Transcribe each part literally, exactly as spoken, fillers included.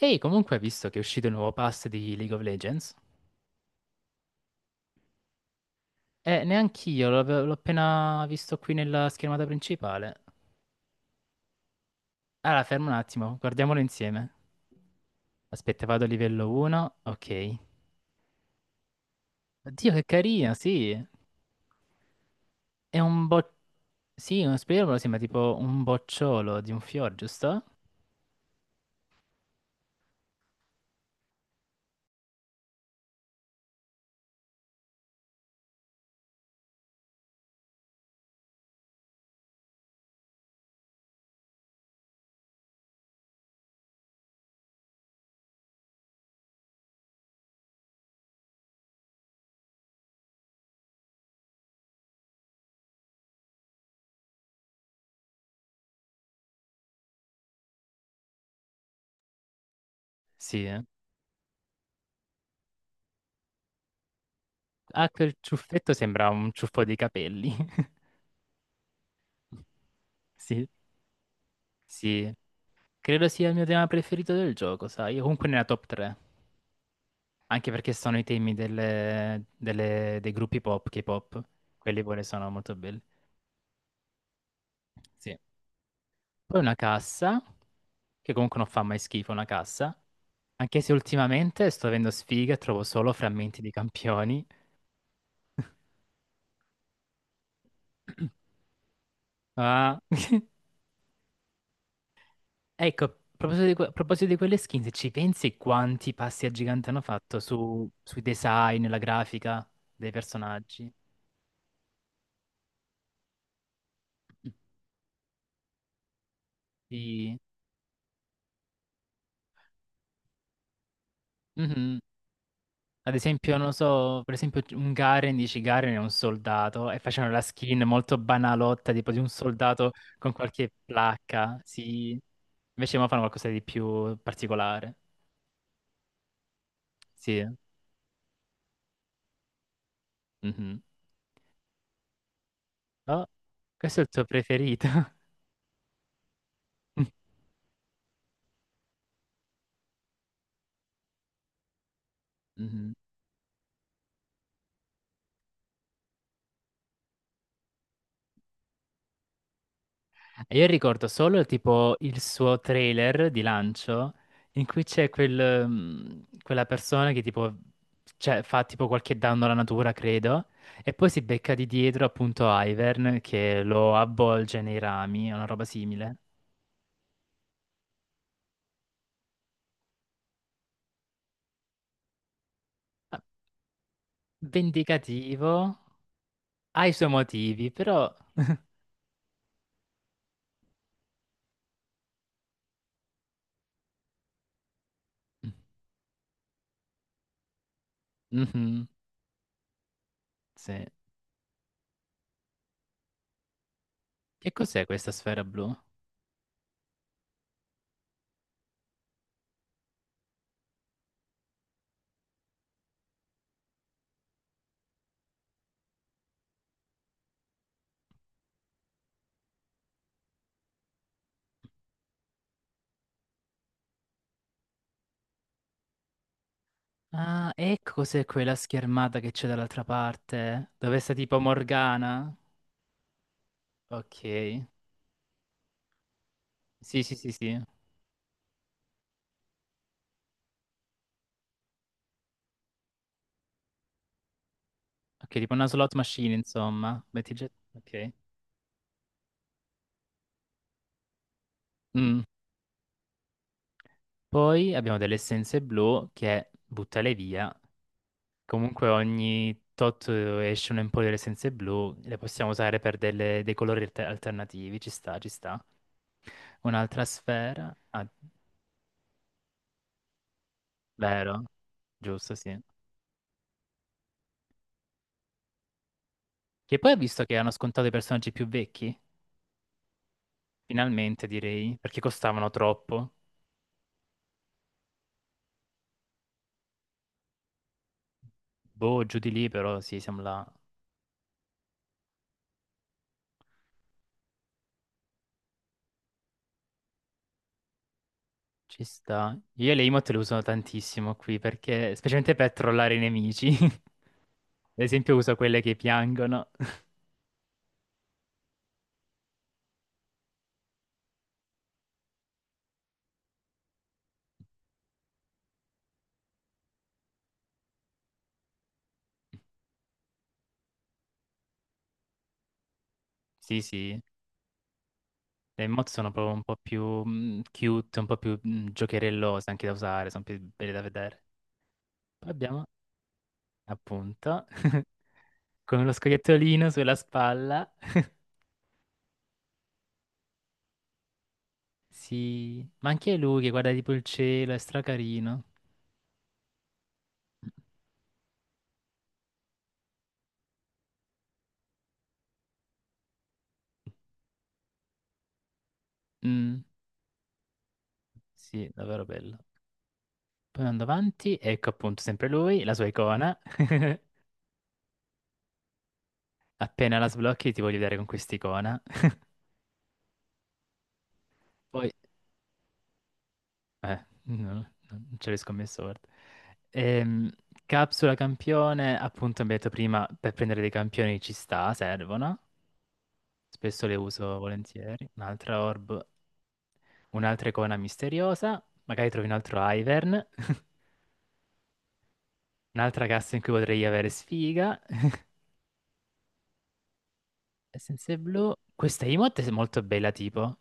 Ehi, comunque, hai visto che è uscito il nuovo pass di League of Legends? Eh, neanch'io, l'ho l'ho appena visto qui nella schermata principale. Allora, fermo un attimo, guardiamolo insieme. Aspetta, vado a livello uno, ok. Oddio, che carina, sì. È un bo... Sì, uno spiegamolo sembra tipo un bocciolo di un fior, giusto? Sì, eh. Ah, quel ciuffetto sembra un ciuffo di capelli. Sì, sì. Credo sia il mio tema preferito del gioco, sai? Comunque nella top tre. Anche perché sono i temi delle- delle- dei gruppi pop, K-pop, quelli pure sono molto belli. Sì. Poi una cassa, che comunque non fa mai schifo una cassa, anche se ultimamente sto avendo sfiga e trovo solo frammenti di campioni. Ah. Ecco, a proposito di, que- a proposito di quelle skin, se ci pensi quanti passi a gigante hanno fatto su- sui design, la grafica dei personaggi? Sì. Mhm. Ad esempio, non so, per esempio un Garen, dici Garen è un soldato e facevano la skin molto banalotta, tipo di un soldato con qualche placca, sì. Invece mo fanno qualcosa di più particolare, sì. Mhm. Oh, questo è il tuo preferito. Mhm. E io ricordo solo il tipo il suo trailer di lancio in cui c'è quel, mm, quella persona che tipo cioè, fa tipo qualche danno alla natura, credo, e poi si becca di dietro appunto Ivern che lo avvolge nei rami, una roba simile. Ah, vendicativo, ha i suoi motivi, però... Mhm, sì. Che cos'è questa sfera blu? Ah, ecco cos'è quella schermata che c'è dall'altra parte, dove sta tipo Morgana. Ok. Sì, sì, sì, sì. Ok, tipo una slot machine, insomma. Metti già- Ok. Mm. Poi abbiamo delle essenze blu che buttale via. Comunque ogni tot eh, escono un po' delle essenze blu, le possiamo usare per delle- dei colori alter- alternativi. Ci sta, ci sta. Un'altra sfera. Ah, vero. Giusto, sì. Che poi ho visto che hanno scontato i personaggi più vecchi. Finalmente, direi, perché costavano troppo. Boh, giù di lì, però sì, siamo là. Ci sta. Io le emote le usano tantissimo qui perché, specialmente per trollare i nemici. Ad esempio uso quelle che piangono. Sì, sì. Le emote sono proprio un po' più mm, cute, un po' più mm, giocherellose anche da usare, sono più belle da vedere. Poi abbiamo, appunto, con lo scoiattolino sulla spalla. Sì, ma anche lui che guarda tipo il cielo, è stracarino. Mm, sì, davvero bello. Poi andando avanti, ecco appunto sempre lui, la sua icona. Appena la sblocchi ti voglio vedere con quest'icona. Poi, eh, no, no, non ce l'ho scommesso, guarda. Ehm, Capsula campione, appunto, abbiamo detto prima, per prendere dei campioni ci sta, servono. Spesso le uso volentieri. Un'altra orb, un'altra icona misteriosa. Magari trovi un altro Ivern. Un'altra cassa in cui potrei avere sfiga. Essenze blu. Questa emote è molto bella, tipo.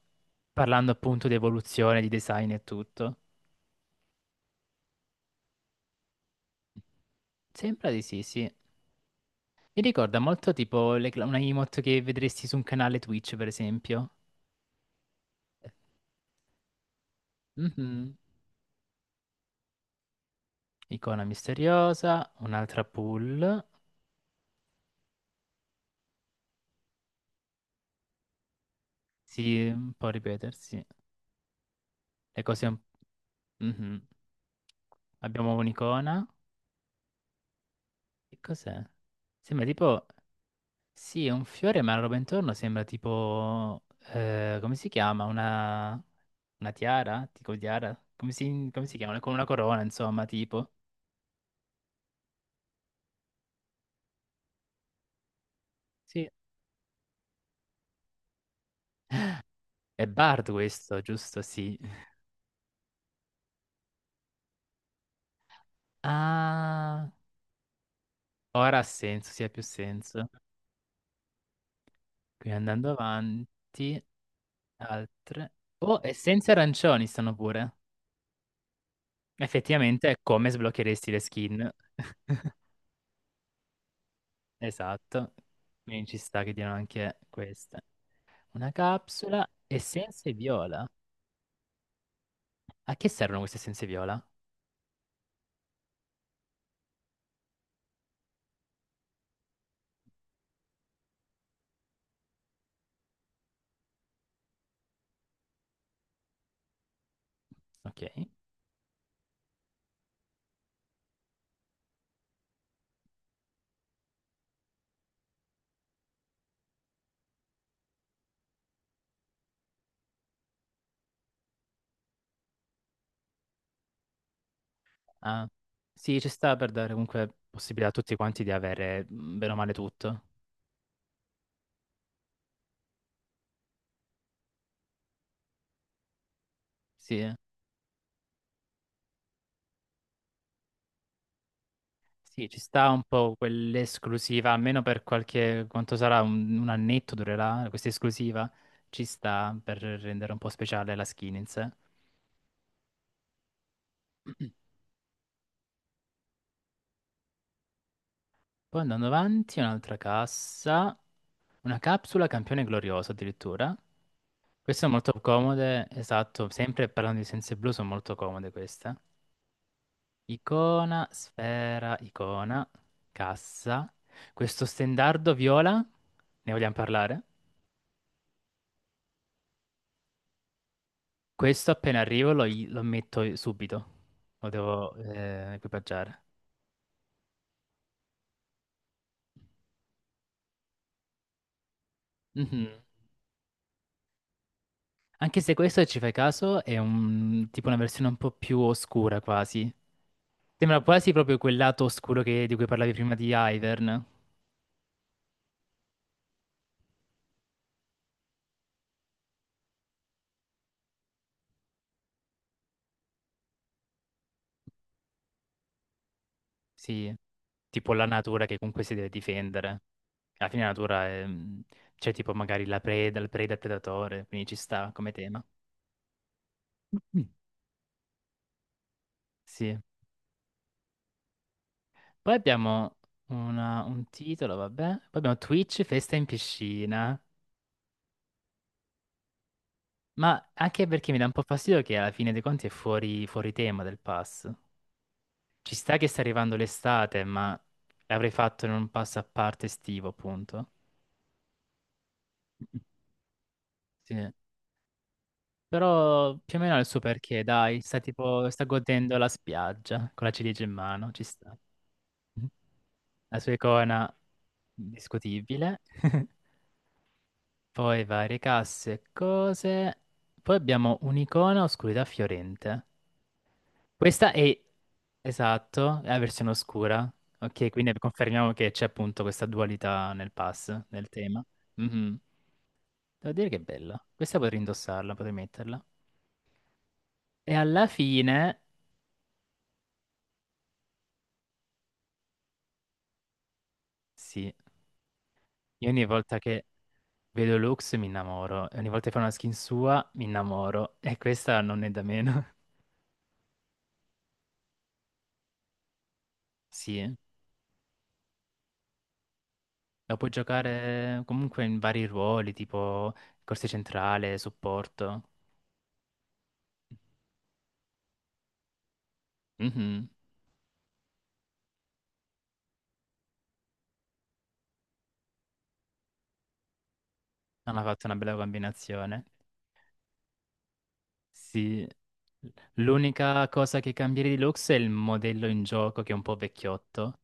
Parlando appunto di evoluzione, di design e tutto. Sembra di sì, sì. Mi ricorda molto tipo le cla- una emote che vedresti su un canale Twitch, per esempio. Mhm. Icona misteriosa, un'altra pull. Sì, un po' ripetersi. Le cose un... Mhm. Abbiamo un'icona. Che cos'è? Sembra tipo... Sì, è un fiore, ma la roba intorno sembra tipo, eh, come si chiama? Una, una tiara? Tipo tiara? Come si, come si chiama? Con una corona, insomma, tipo. Sì, è Bard questo, giusto? Sì. Ah, ora ha senso, sì, ha più senso. Quindi andando avanti, altre. Oh, essenze arancioni stanno pure. Effettivamente è come sbloccheresti le skin. Esatto. Quindi ci sta che diano anche queste. Una capsula, essenze viola. A che servono queste essenze viola? Ok. Ah, sì, ci sta per dare comunque possibilità a tutti quanti di avere mm, bene o male tutto. Sì, eh, sì, ci sta un po' quell'esclusiva, almeno per qualche, quanto sarà, un, un annetto durerà questa esclusiva. Ci sta per rendere un po' speciale la skin in sé. Poi andando avanti, un'altra cassa. Una capsula campione glorioso addirittura. Queste sono molto comode, esatto, sempre parlando di Senza Blu sono molto comode queste. Icona, sfera, icona, cassa. Questo stendardo viola, ne vogliamo parlare? Questo appena arrivo lo, lo metto subito, lo devo eh, equipaggiare. Mhm. Anche se questo, se ci fai caso, è un, tipo una versione un po' più oscura quasi, sembra quasi proprio quel lato oscuro che- di cui parlavi prima di Ivern. Sì, tipo la natura che comunque si deve difendere. Alla fine la natura è... mm, c'è tipo magari la preda, il preda e il predatore, quindi ci sta come tema. Mm. Sì. Poi abbiamo una- un titolo, vabbè. Poi abbiamo Twitch, festa in piscina. Ma anche perché mi dà un po' fastidio che alla fine dei conti è fuori, fuori tema del pass. Ci sta che sta arrivando l'estate, ma l'avrei fatto in un pass a parte estivo, appunto. Sì. Però più o meno ha il suo perché, dai, sta tipo, sta godendo la spiaggia con la ciliegia in mano, ci sta. La sua icona discutibile. Poi varie casse e cose. Poi abbiamo un'icona oscurità fiorente. Questa è, esatto, è la versione oscura. Ok, quindi confermiamo che c'è appunto questa dualità nel pass, nel tema. Mhm. Devo dire che è bella. Questa potrei indossarla, potrei metterla. E alla fine, sì. Io ogni volta che vedo Lux mi innamoro, e ogni volta che fa una skin sua mi innamoro, e questa non è da meno. Sì, eh, la puoi giocare comunque in vari ruoli, tipo corsia centrale, supporto. Mhm. Hanno fatto una bella combinazione. Sì, l'unica cosa che cambierei di Lux è il modello in gioco che è un po' vecchiotto.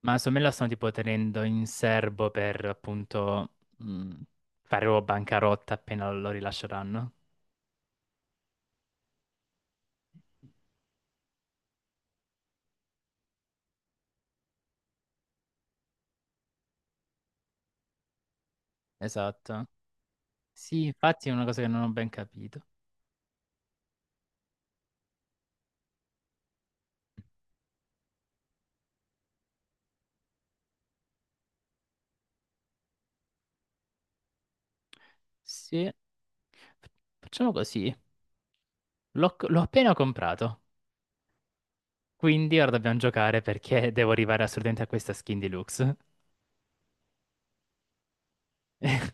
Ma secondo me la stanno tipo tenendo in serbo per appunto mh, fare proprio bancarotta appena lo rilasceranno. Esatto. Sì, infatti è una cosa che non ho ben capito. Sì, F- facciamo così. L'ho l'ho appena comprato, quindi ora dobbiamo giocare perché devo arrivare assolutamente a questa skin deluxe.